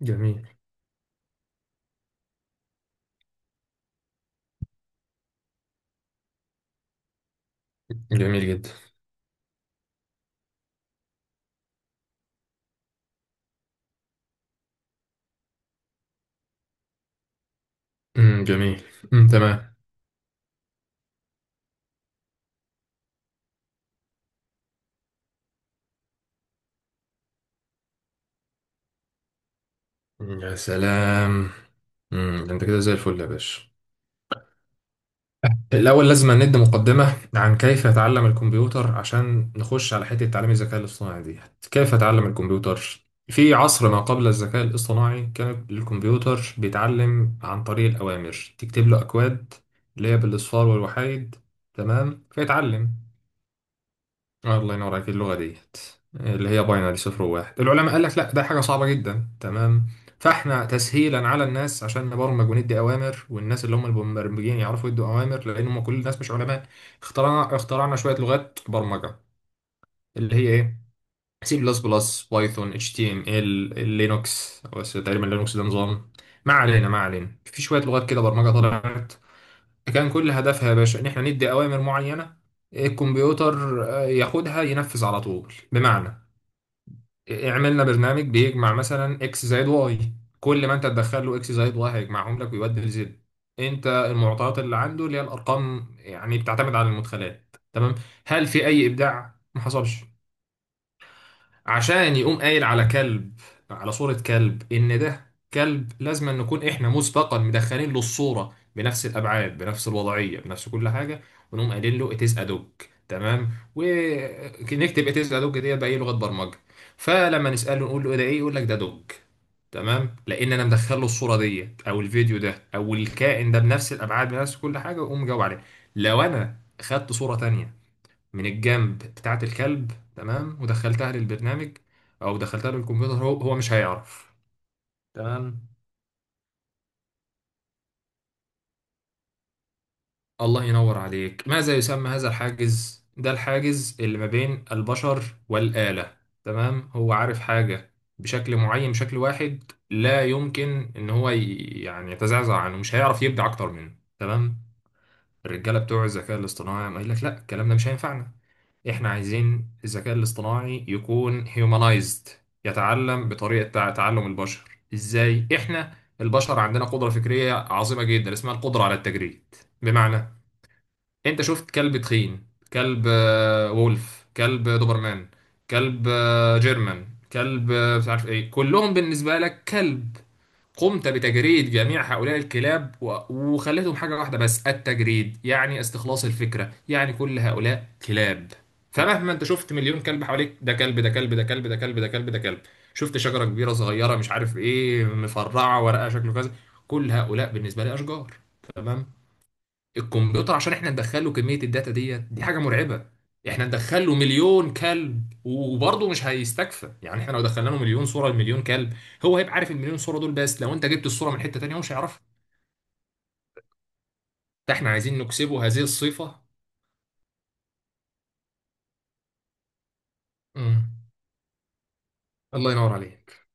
جميل، جميل جدا. امم، جميل. امم، تمام. يا سلام. امم، ده انت كده زي الفل يا باشا. الاول لازم ندي مقدمه عن كيف يتعلم الكمبيوتر عشان نخش على حته تعليم الذكاء الاصطناعي دي. كيف اتعلم الكمبيوتر؟ في عصر ما قبل الذكاء الاصطناعي كان الكمبيوتر بيتعلم عن طريق الاوامر، تكتب له اكواد اللي هي بالاصفار والوحايد، تمام، فيتعلم. آه، الله ينور عليك اللغة ديت. اللي هي باينري، صفر وواحد. العلماء قال لك لا، ده حاجة صعبة جدا، تمام. فاحنا تسهيلا على الناس عشان نبرمج وندي اوامر، والناس اللي هم المبرمجين يعرفوا يدوا اوامر، لان هم كل الناس مش علماء. اخترعنا شوية لغات برمجة. اللي هي ايه؟ سي بلس بلس، بايثون، اتش تي ام ال، لينوكس، بس تقريبا لينوكس ده نظام. ما علينا، ما علينا. في شوية لغات كده برمجة طلعت، كان كل هدفها يا باشا ان احنا ندي اوامر معينه الكمبيوتر ياخدها ينفذ على طول. بمعنى، عملنا برنامج بيجمع مثلا اكس زائد واي. كل ما انت تدخل له اكس زائد واي هيجمعهم لك ويودي لزد. انت المعطيات اللي عنده اللي هي الارقام يعني بتعتمد على المدخلات، تمام. هل في اي ابداع؟ ما حصلش. عشان يقوم قايل على كلب، على صورة كلب، إن ده كلب، لازم أن نكون إحنا مسبقا مدخلين له الصورة بنفس الأبعاد، بنفس الوضعية، بنفس كل حاجة. ونقوم قايلين له it is a dog، تمام. ونكتب it is a dog ديت بأي لغة برمجة. فلما نسأله نقول له إيه ده، إيه؟ يقول لك ده دوج. تمام، لأن أنا مدخل له الصورة ديت أو الفيديو ده أو الكائن ده بنفس الأبعاد، بنفس كل حاجة، ويقوم جاوب عليه. لو أنا خدت صورة تانية من الجنب بتاعة الكلب، تمام، ودخلتها للبرنامج أو دخلتها للكمبيوتر، هو مش هيعرف، تمام. الله ينور عليك. ماذا يسمى هذا الحاجز؟ ده الحاجز اللي ما بين البشر والآلة، تمام. هو عارف حاجة بشكل معين، بشكل واحد، لا يمكن ان هو يعني يتزعزع عنه، مش هيعرف يبدع اكتر منه، تمام. الرجاله بتوع الذكاء الاصطناعي قايل لك لا، الكلام ده مش هينفعنا. احنا عايزين الذكاء الاصطناعي يكون هيومنايزد، يتعلم بطريقة تعلم البشر. ازاي؟ احنا البشر عندنا قدرة فكرية عظيمة جدا اسمها القدرة على التجريد. بمعنى، انت شفت كلب تخين، كلب وولف، كلب دوبرمان، كلب جيرمان، كلب مش عارف ايه، كلهم بالنسبة لك كلب. قمت بتجريد جميع هؤلاء الكلاب وخليتهم حاجة واحدة. بس التجريد يعني استخلاص الفكرة، يعني كل هؤلاء كلاب. فمهما انت شفت مليون كلب حواليك، ده كلب، ده كلب، ده كلب، ده كلب، ده كلب، ده كلب. شفت شجرة كبيرة، صغيرة، مش عارف ايه، مفرعة، ورقها شكله كذا، كل هؤلاء بالنسبة لي أشجار، تمام. الكمبيوتر عشان احنا ندخله كمية الداتا ديت، دي حاجة مرعبة. احنا ندخله مليون كلب وبرضه مش هيستكفى، يعني احنا لو دخلنا له مليون صورة لمليون كلب، هو هيبقى عارف المليون صورة دول، بس لو انت جبت الصورة من حتة تانية هو مش هيعرفها. فاحنا عايزين نكسبه هذه الصفة. امم الله ينور عليك.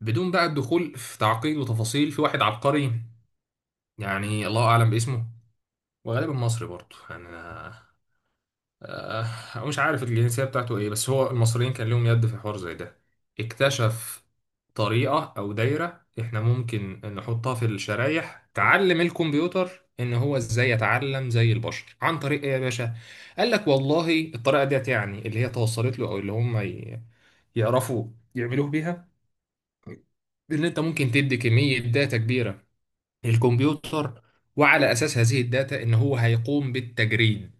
بدون بقى الدخول في تعقيد وتفاصيل، في واحد عبقري، يعني الله اعلم باسمه، وغالبا مصري برضه يعني. مش عارف الجنسية بتاعته ايه، بس هو المصريين كان لهم يد في حوار زي ده. اكتشف طريقة او دايرة احنا ممكن نحطها في الشرايح تعلم الكمبيوتر ان هو ازاي يتعلم زي البشر. عن طريق ايه يا باشا؟ قال لك والله الطريقة ديت، يعني اللي هي توصلت له او اللي هم يعرفوا يعملوه بيها، ان انت ممكن تدي كمية داتا كبيرة للكمبيوتر، وعلى اساس هذه الداتا ان هو هيقوم بالتجريد.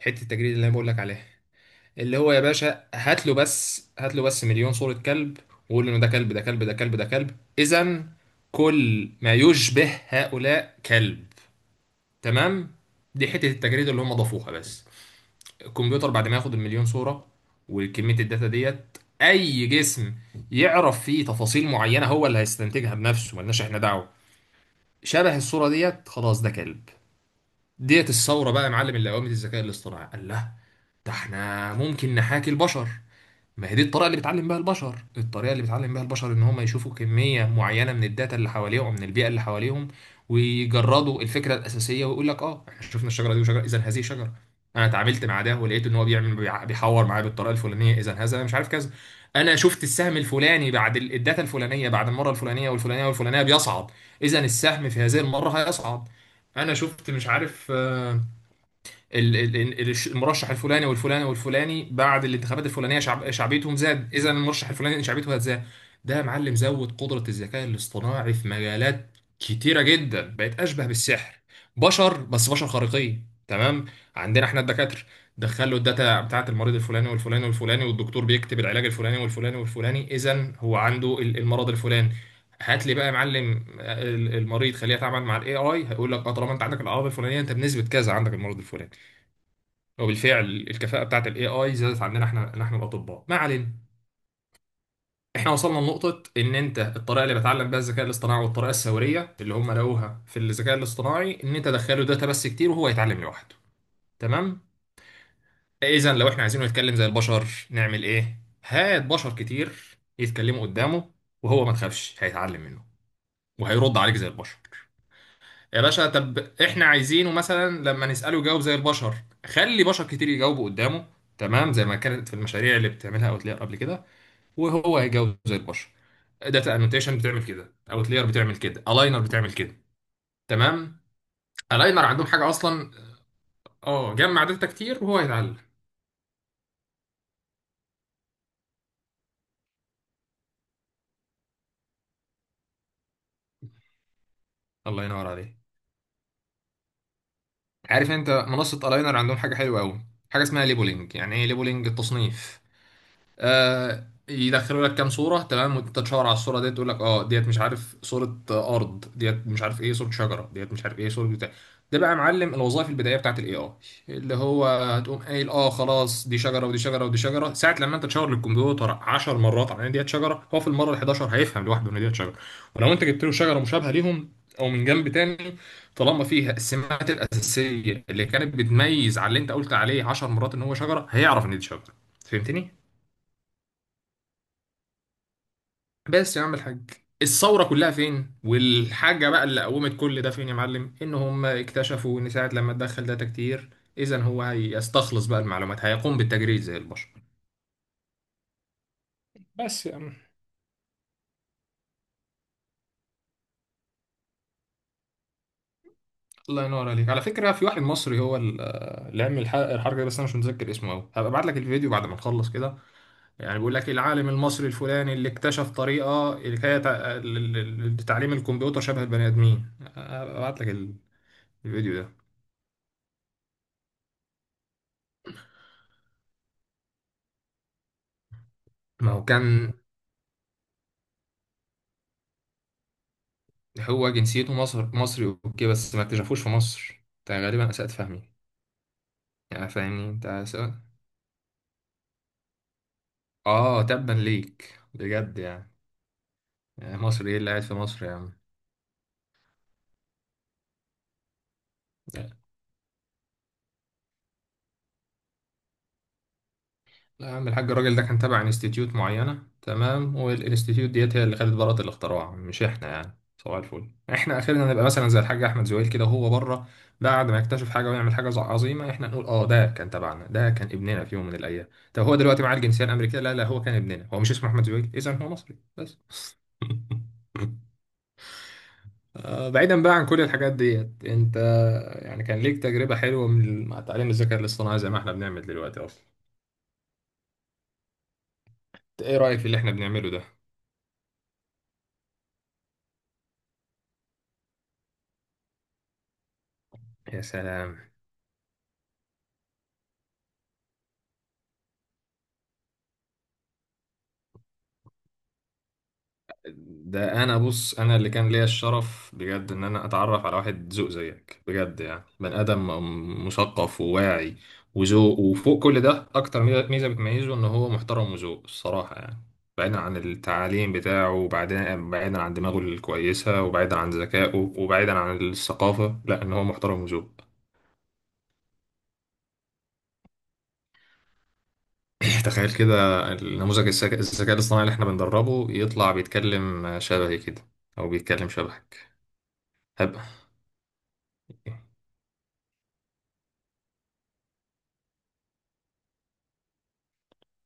حتة التجريد اللي انا بقول لك عليها اللي هو يا باشا، هات له بس، هات له بس مليون صورة كلب، وقول له إن ده كلب، ده كلب، ده كلب، ده كلب، إذا كل ما يشبه هؤلاء كلب، تمام. دي حتة التجريد اللي هم ضافوها. بس الكمبيوتر بعد ما ياخد المليون صورة وكمية الداتا ديت، أي جسم يعرف فيه تفاصيل معينة هو اللي هيستنتجها بنفسه، ملناش إحنا دعوة. شبه الصورة ديت، خلاص ده كلب. ديت الثورة بقى يا معلم اللي قامت. الذكاء الاصطناعي قال لا، ده احنا ممكن نحاكي البشر. ما هي دي الطريقه اللي بيتعلم بيها البشر. الطريقه اللي بيتعلم بيها البشر ان هم يشوفوا كميه معينه من الداتا اللي حواليهم، من البيئه اللي حواليهم، ويجردوا الفكره الاساسيه، ويقول لك اه، احنا شفنا الشجره دي وشجره، اذا هذه شجره. انا اتعاملت مع ده ولقيت ان هو بيحور معايا بالطريقه الفلانيه، اذا هذا مش عارف كذا. انا شفت السهم الفلاني بعد الداتا الفلانيه، بعد المره الفلانيه والفلانيه والفلانيه بيصعد، اذا السهم في هذه المره هيصعد. انا شفت مش عارف المرشح الفلاني والفلاني والفلاني بعد الانتخابات الفلانيه شعبيتهم زاد، اذا المرشح الفلاني شعبيته هتزاد. ده يا معلم زود قدره الذكاء الاصطناعي في مجالات كتيره جدا، بقت اشبه بالسحر، بشر بس بشر خارقين، تمام. عندنا احنا الدكاتره، دخلوا الداتا بتاعت المريض الفلاني والفلاني والفلاني والدكتور بيكتب العلاج الفلاني والفلاني والفلاني، اذا هو عنده المرض الفلاني. هات لي بقى يا معلم المريض، خليه يتعامل مع الاي اي، هيقول لك اه طالما انت عندك الاعراض الفلانيه انت بنسبه كذا عندك المرض الفلاني. وبالفعل الكفاءة بتاعت الاي اي زادت عندنا احنا الاطباء، ما علينا. احنا وصلنا لنقطة ان انت الطريقة اللي بتعلم بيها الذكاء الاصطناعي والطريقة الثورية اللي هم لقوها في الذكاء الاصطناعي ان انت تدخله داتا بس كتير وهو يتعلم لوحده، تمام. اذا لو احنا عايزينه يتكلم زي البشر نعمل ايه؟ هات بشر كتير يتكلموا قدامه، وهو ما تخافش هيتعلم منه، وهيرد عليك زي البشر. يا باشا، طب احنا عايزينه مثلا لما نسأله يجاوب زي البشر، خلي بشر كتير يجاوبوا قدامه، تمام، زي ما كانت في المشاريع اللي بتعملها اوتلاير قبل كده، وهو هيجاوب زي البشر. داتا انوتيشن بتعمل كده، اوتلاير بتعمل كده، الاينر بتعمل كده، تمام. الاينر عندهم حاجه اصلا، اه، جمع داتا كتير وهو يتعلم. الله ينور عليك. عارف انت منصه الاينر عندهم حاجه حلوه قوي، حاجه اسمها ليبلنج. يعني ايه ليبلنج؟ التصنيف. آه، يدخلوا لك كام صورة، تمام، وانت تشاور على الصورة ديت تقول لك اه ديت مش عارف، صورة أرض، ديت مش عارف ايه صورة شجرة، ديت مش عارف ايه صورة بتاع. ده بقى يا معلم الوظائف البدائية بتاعت الاي اي، اللي هو هتقوم قايل اه خلاص دي شجرة ودي شجرة ودي شجرة. ساعة لما انت تشاور للكمبيوتر 10 مرات على ان ديت شجرة، هو في المرة ال 11 هيفهم لوحده ان ديت شجرة. ولو انت جبت له شجرة مشابهة ليهم، او من جنب تاني، طالما فيها السمات الأساسية اللي كانت بتميز على اللي انت قلت عليه 10 مرات ان هو شجرة، هيعرف ان دي شجرة. فهمتني؟ بس يا عم الحاج، الثورة كلها فين والحاجة بقى اللي قومت كل ده فين يا معلم؟ ان هم اكتشفوا ان ساعة لما تدخل داتا كتير، اذا هو هيستخلص بقى المعلومات، هيقوم بالتجريد زي البشر. بس يا عم، الله ينور عليك. على فكرة، في واحد مصري هو اللي عمل الحركة دي، بس انا مش متذكر اسمه قوي، هبقى ابعت لك الفيديو بعد ما نخلص كده. يعني بيقول لك العالم المصري الفلاني اللي اكتشف طريقة اللي هي لتعليم الكمبيوتر شبه البني ادمين. هبقى ابعت لك الفيديو ده. ما هو كان هو جنسيته مصر، مصري اوكي، بس ما اكتشفوش في مصر. انت غالبا اسأت فهمي، يعني فاهمني انت، أسأت. اه، تبا ليك بجد يعني. يعني مصري ايه اللي قاعد في مصر يا عم؟ لا، لا يا عم الحاج، الراجل ده كان تابع انستيتيوت معينة، تمام، والانستيتيوت ديت هي اللي خدت براءة الاختراع، مش احنا. يعني صباح الفل، احنا اخرنا نبقى مثلا زي الحاج احمد زويل كده وهو بره، بعد ما يكتشف حاجه ويعمل حاجه عظيمه، احنا نقول اه ده كان تبعنا، ده كان ابننا في يوم من الايام. طب هو دلوقتي معاه الجنسيه الامريكيه؟ لا، لا، هو كان ابننا، هو مش اسمه احمد زويل، اذا هو مصري بس. بعيدا بقى عن كل الحاجات ديت، انت يعني كان ليك تجربة حلوة من مع تعليم الذكاء الاصطناعي زي ما احنا بنعمل دلوقتي اصلا؟ ايه رأيك في اللي احنا بنعمله ده؟ يا سلام. ده انا بص، انا اللي كان ليا الشرف بجد ان انا اتعرف على واحد ذوق زيك، بجد يعني، بني ادم مثقف وواعي وذوق، وفوق كل ده اكتر ميزة بتميزه ان هو محترم وذوق الصراحه يعني. بعيدا عن التعليم بتاعه، وبعدين بعيدا عن دماغه الكويسه، وبعيدا عن ذكائه، وبعيدا عن الثقافه، لا، ان هو محترم وذوق. تخيل كده، النموذج الذكاء الاصطناعي اللي احنا بندربه يطلع بيتكلم شبهي كده، او بيتكلم شبهك. هبقى.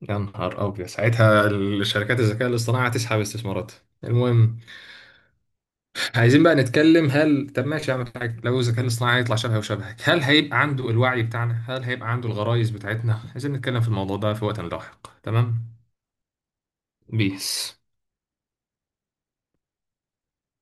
يا نهار أبيض، ساعتها الشركات الذكاء الاصطناعي هتسحب استثماراتها. المهم، عايزين بقى نتكلم، هل طب ماشي أعمل حاجة لو الذكاء الاصطناعي هيطلع شبهي وشبهك، هل هيبقى عنده الوعي بتاعنا؟ هل هيبقى عنده الغرائز بتاعتنا؟ عايزين نتكلم في الموضوع ده في وقت لاحق، تمام. بيس.